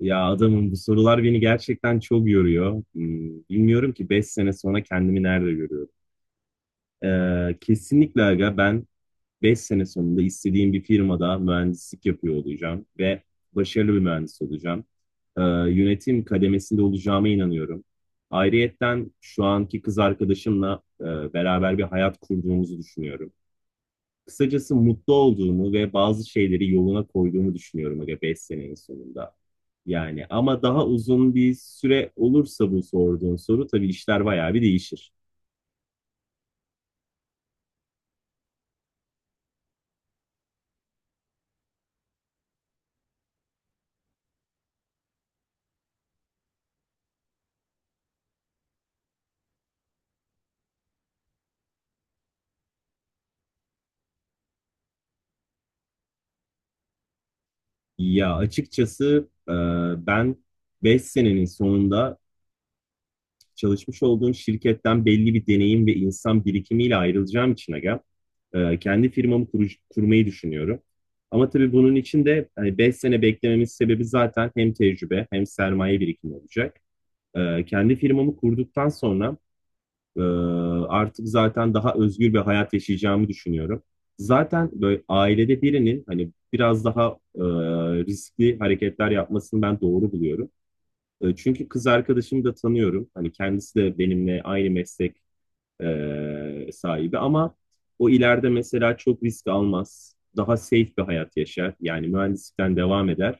Ya adamım bu sorular beni gerçekten çok yoruyor. Bilmiyorum ki 5 sene sonra kendimi nerede görüyorum. Kesinlikle aga ben 5 sene sonunda istediğim bir firmada mühendislik yapıyor olacağım ve başarılı bir mühendis olacağım. Ee, yönetim kademesinde olacağıma inanıyorum. Ayrıyetten şu anki kız arkadaşımla beraber bir hayat kurduğumuzu düşünüyorum. Kısacası mutlu olduğumu ve bazı şeyleri yoluna koyduğumu düşünüyorum aga 5 senenin sonunda. Yani ama daha uzun bir süre olursa bu sorduğun soru tabii işler bayağı bir değişir. Ya açıkçası ben 5 senenin sonunda çalışmış olduğum şirketten belli bir deneyim ve insan birikimiyle ayrılacağım için aga kendi firmamı kurmayı düşünüyorum. Ama tabii bunun için de hani 5 sene beklememin sebebi zaten hem tecrübe hem sermaye birikimi olacak. Kendi firmamı kurduktan sonra e, artık zaten daha özgür bir hayat yaşayacağımı düşünüyorum. Zaten böyle ailede birinin hani biraz daha riskli hareketler yapmasını ben doğru buluyorum. Çünkü kız arkadaşımı da tanıyorum. Hani kendisi de benimle aynı meslek sahibi ama o ileride mesela çok risk almaz. Daha safe bir hayat yaşar. Yani mühendislikten devam eder.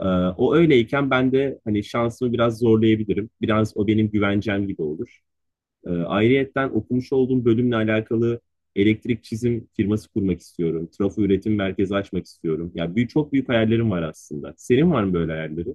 Ee, o öyleyken ben de hani şansımı biraz zorlayabilirim. Biraz o benim güvencem gibi olur. Ayrıyetten okumuş olduğum bölümle alakalı elektrik çizim firması kurmak istiyorum. Trafo üretim merkezi açmak istiyorum. Ya büyük, çok büyük hayallerim var aslında. Senin var mı böyle hayalleri?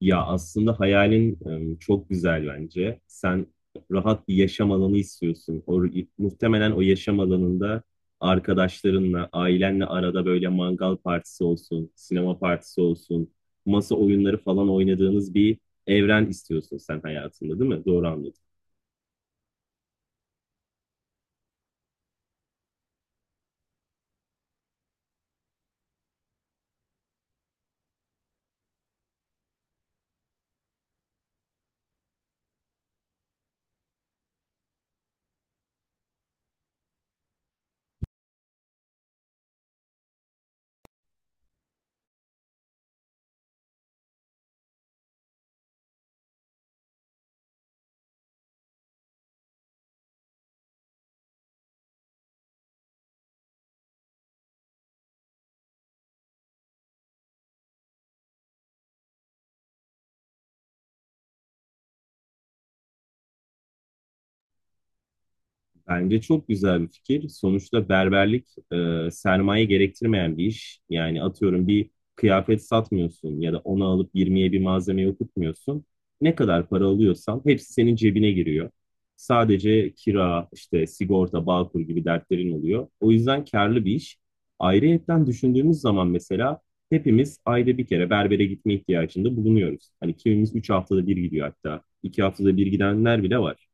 Ya aslında hayalin çok güzel bence. Sen rahat bir yaşam alanı istiyorsun. O, muhtemelen o yaşam alanında arkadaşlarınla, ailenle arada böyle mangal partisi olsun, sinema partisi olsun, masa oyunları falan oynadığınız bir evren istiyorsun sen hayatında, değil mi? Doğru anladım. Bence çok güzel bir fikir. Sonuçta berberlik sermaye gerektirmeyen bir iş. Yani atıyorum bir kıyafet satmıyorsun ya da onu alıp yirmiye bir malzeme okutmuyorsun. Ne kadar para alıyorsan hepsi senin cebine giriyor. Sadece kira, işte sigorta, bağkur gibi dertlerin oluyor. O yüzden karlı bir iş. Ayrıyetten düşündüğümüz zaman mesela hepimiz ayda bir kere berbere gitme ihtiyacında bulunuyoruz. Hani kimimiz 3 haftada bir gidiyor hatta. 2 haftada bir gidenler bile var.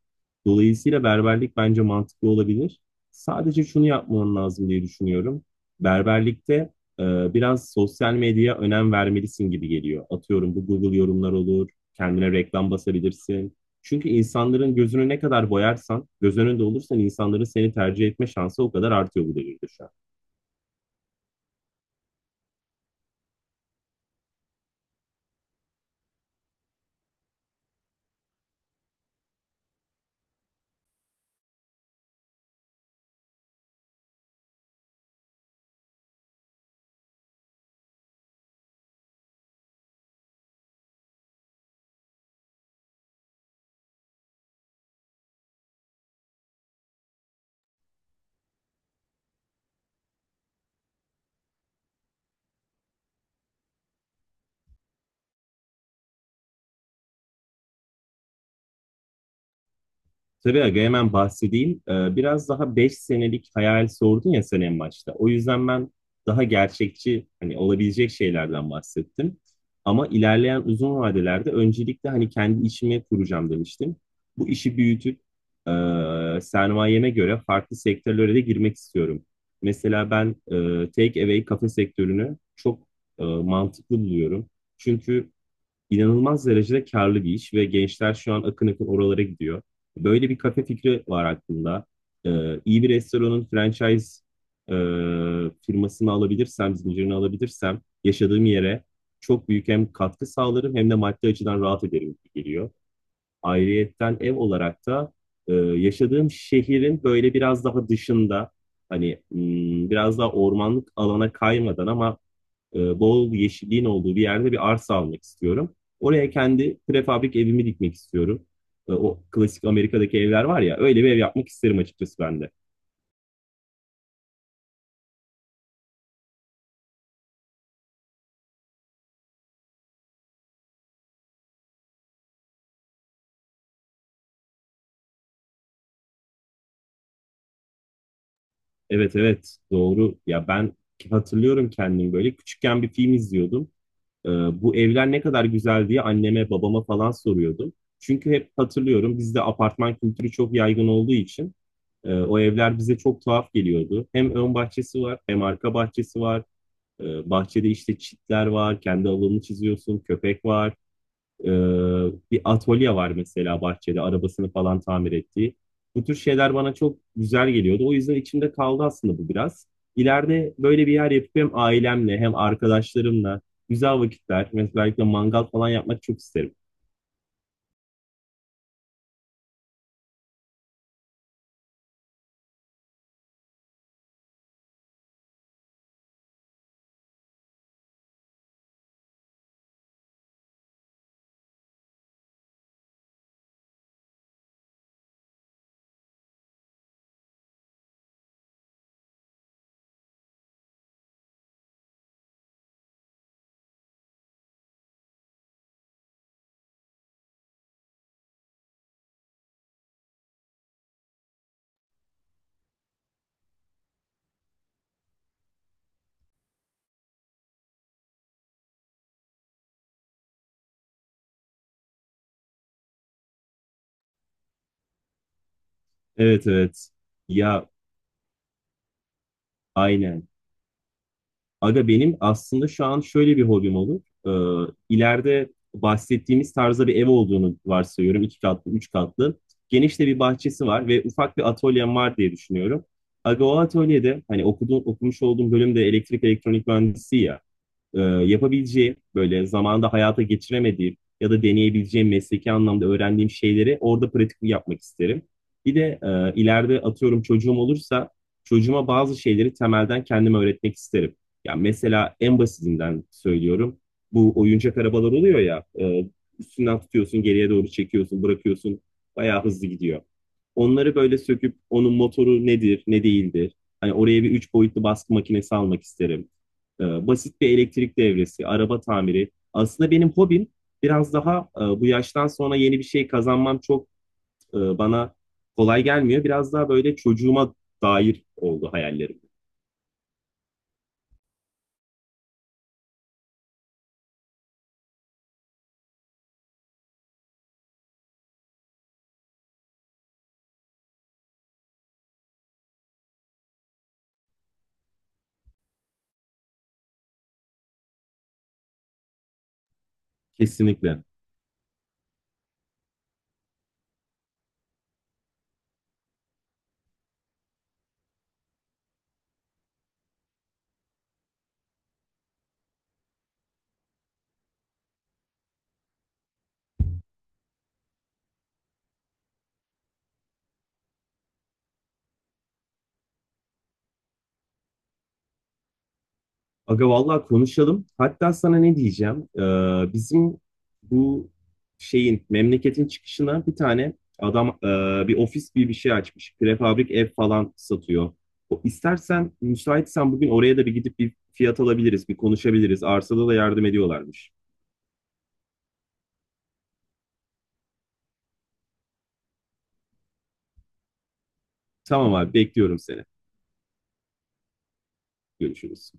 Dolayısıyla berberlik bence mantıklı olabilir. Sadece şunu yapman lazım diye düşünüyorum. Berberlikte e, biraz sosyal medyaya önem vermelisin gibi geliyor. Atıyorum bu Google yorumlar olur, kendine reklam basabilirsin. Çünkü insanların gözünü ne kadar boyarsan, göz önünde olursan insanların seni tercih etme şansı o kadar artıyor bu devirde şu an. Tabii aga hemen bahsedeyim. Biraz daha 5 senelik hayal sordun ya sen en başta. O yüzden ben daha gerçekçi hani olabilecek şeylerden bahsettim. Ama ilerleyen uzun vadelerde öncelikle hani kendi işimi kuracağım demiştim. Bu işi büyütüp sermayeme göre farklı sektörlere de girmek istiyorum. Mesela ben take away kafe sektörünü çok mantıklı buluyorum. Çünkü inanılmaz derecede karlı bir iş ve gençler şu an akın akın oralara gidiyor. Böyle bir kafe fikri var aklımda. İyi bir restoranın franchise e, firmasını alabilirsem, zincirini alabilirsem yaşadığım yere çok büyük hem katkı sağlarım hem de maddi açıdan rahat ederim gibi geliyor. Ayrıyetten ev olarak da yaşadığım şehrin böyle biraz daha dışında hani biraz daha ormanlık alana kaymadan ama bol yeşilliğin olduğu bir yerde bir arsa almak istiyorum. Oraya kendi prefabrik evimi dikmek istiyorum. O klasik Amerika'daki evler var ya öyle bir ev yapmak isterim açıkçası ben de. Evet evet doğru. Ya ben hatırlıyorum kendimi böyle küçükken bir film izliyordum. Ee, bu evler ne kadar güzel diye anneme babama falan soruyordum. Çünkü hep hatırlıyorum bizde apartman kültürü çok yaygın olduğu için o evler bize çok tuhaf geliyordu. Hem ön bahçesi var, hem arka bahçesi var. Bahçede işte çitler var, kendi alanını çiziyorsun, köpek var. E, bir atölye var mesela bahçede, arabasını falan tamir ettiği. Bu tür şeyler bana çok güzel geliyordu. O yüzden içimde kaldı aslında bu biraz. İleride böyle bir yer yapıp hem ailemle hem arkadaşlarımla güzel vakitler, mesela mangal falan yapmak çok isterim. Evet evet. Ya aynen. Aga benim aslında şu an şöyle bir hobim olur. İleride bahsettiğimiz tarzda bir ev olduğunu varsayıyorum. 2 katlı, 3 katlı. Geniş de bir bahçesi var ve ufak bir atölyem var diye düşünüyorum. Aga o atölyede hani okuduğum, okumuş olduğum bölüm de elektrik elektronik mühendisi ya yapabileceğim, böyle zamanda hayata geçiremediğim ya da deneyebileceğim mesleki anlamda öğrendiğim şeyleri orada pratik yapmak isterim. Bir de ileride atıyorum çocuğum olursa çocuğuma bazı şeyleri temelden kendime öğretmek isterim. Yani mesela en basitinden söylüyorum. Bu oyuncak arabalar oluyor ya, üstünden tutuyorsun, geriye doğru çekiyorsun, bırakıyorsun. Bayağı hızlı gidiyor. Onları böyle söküp onun motoru nedir, ne değildir. Hani oraya bir 3 boyutlu baskı makinesi almak isterim basit bir elektrik devresi, araba tamiri. Aslında benim hobim biraz daha bu yaştan sonra yeni bir şey kazanmam çok bana kolay gelmiyor. Biraz daha böyle çocuğuma dair oldu hayallerim. Kesinlikle. Aga vallahi konuşalım. Hatta sana ne diyeceğim? Bizim bu şeyin memleketin çıkışına bir tane adam bir ofis gibi bir şey açmış. Prefabrik ev falan satıyor. O, istersen müsaitsen bugün oraya da bir gidip bir fiyat alabiliriz, bir konuşabiliriz. Arsada da yardım ediyorlarmış. Tamam abi bekliyorum seni. Görüşürüz.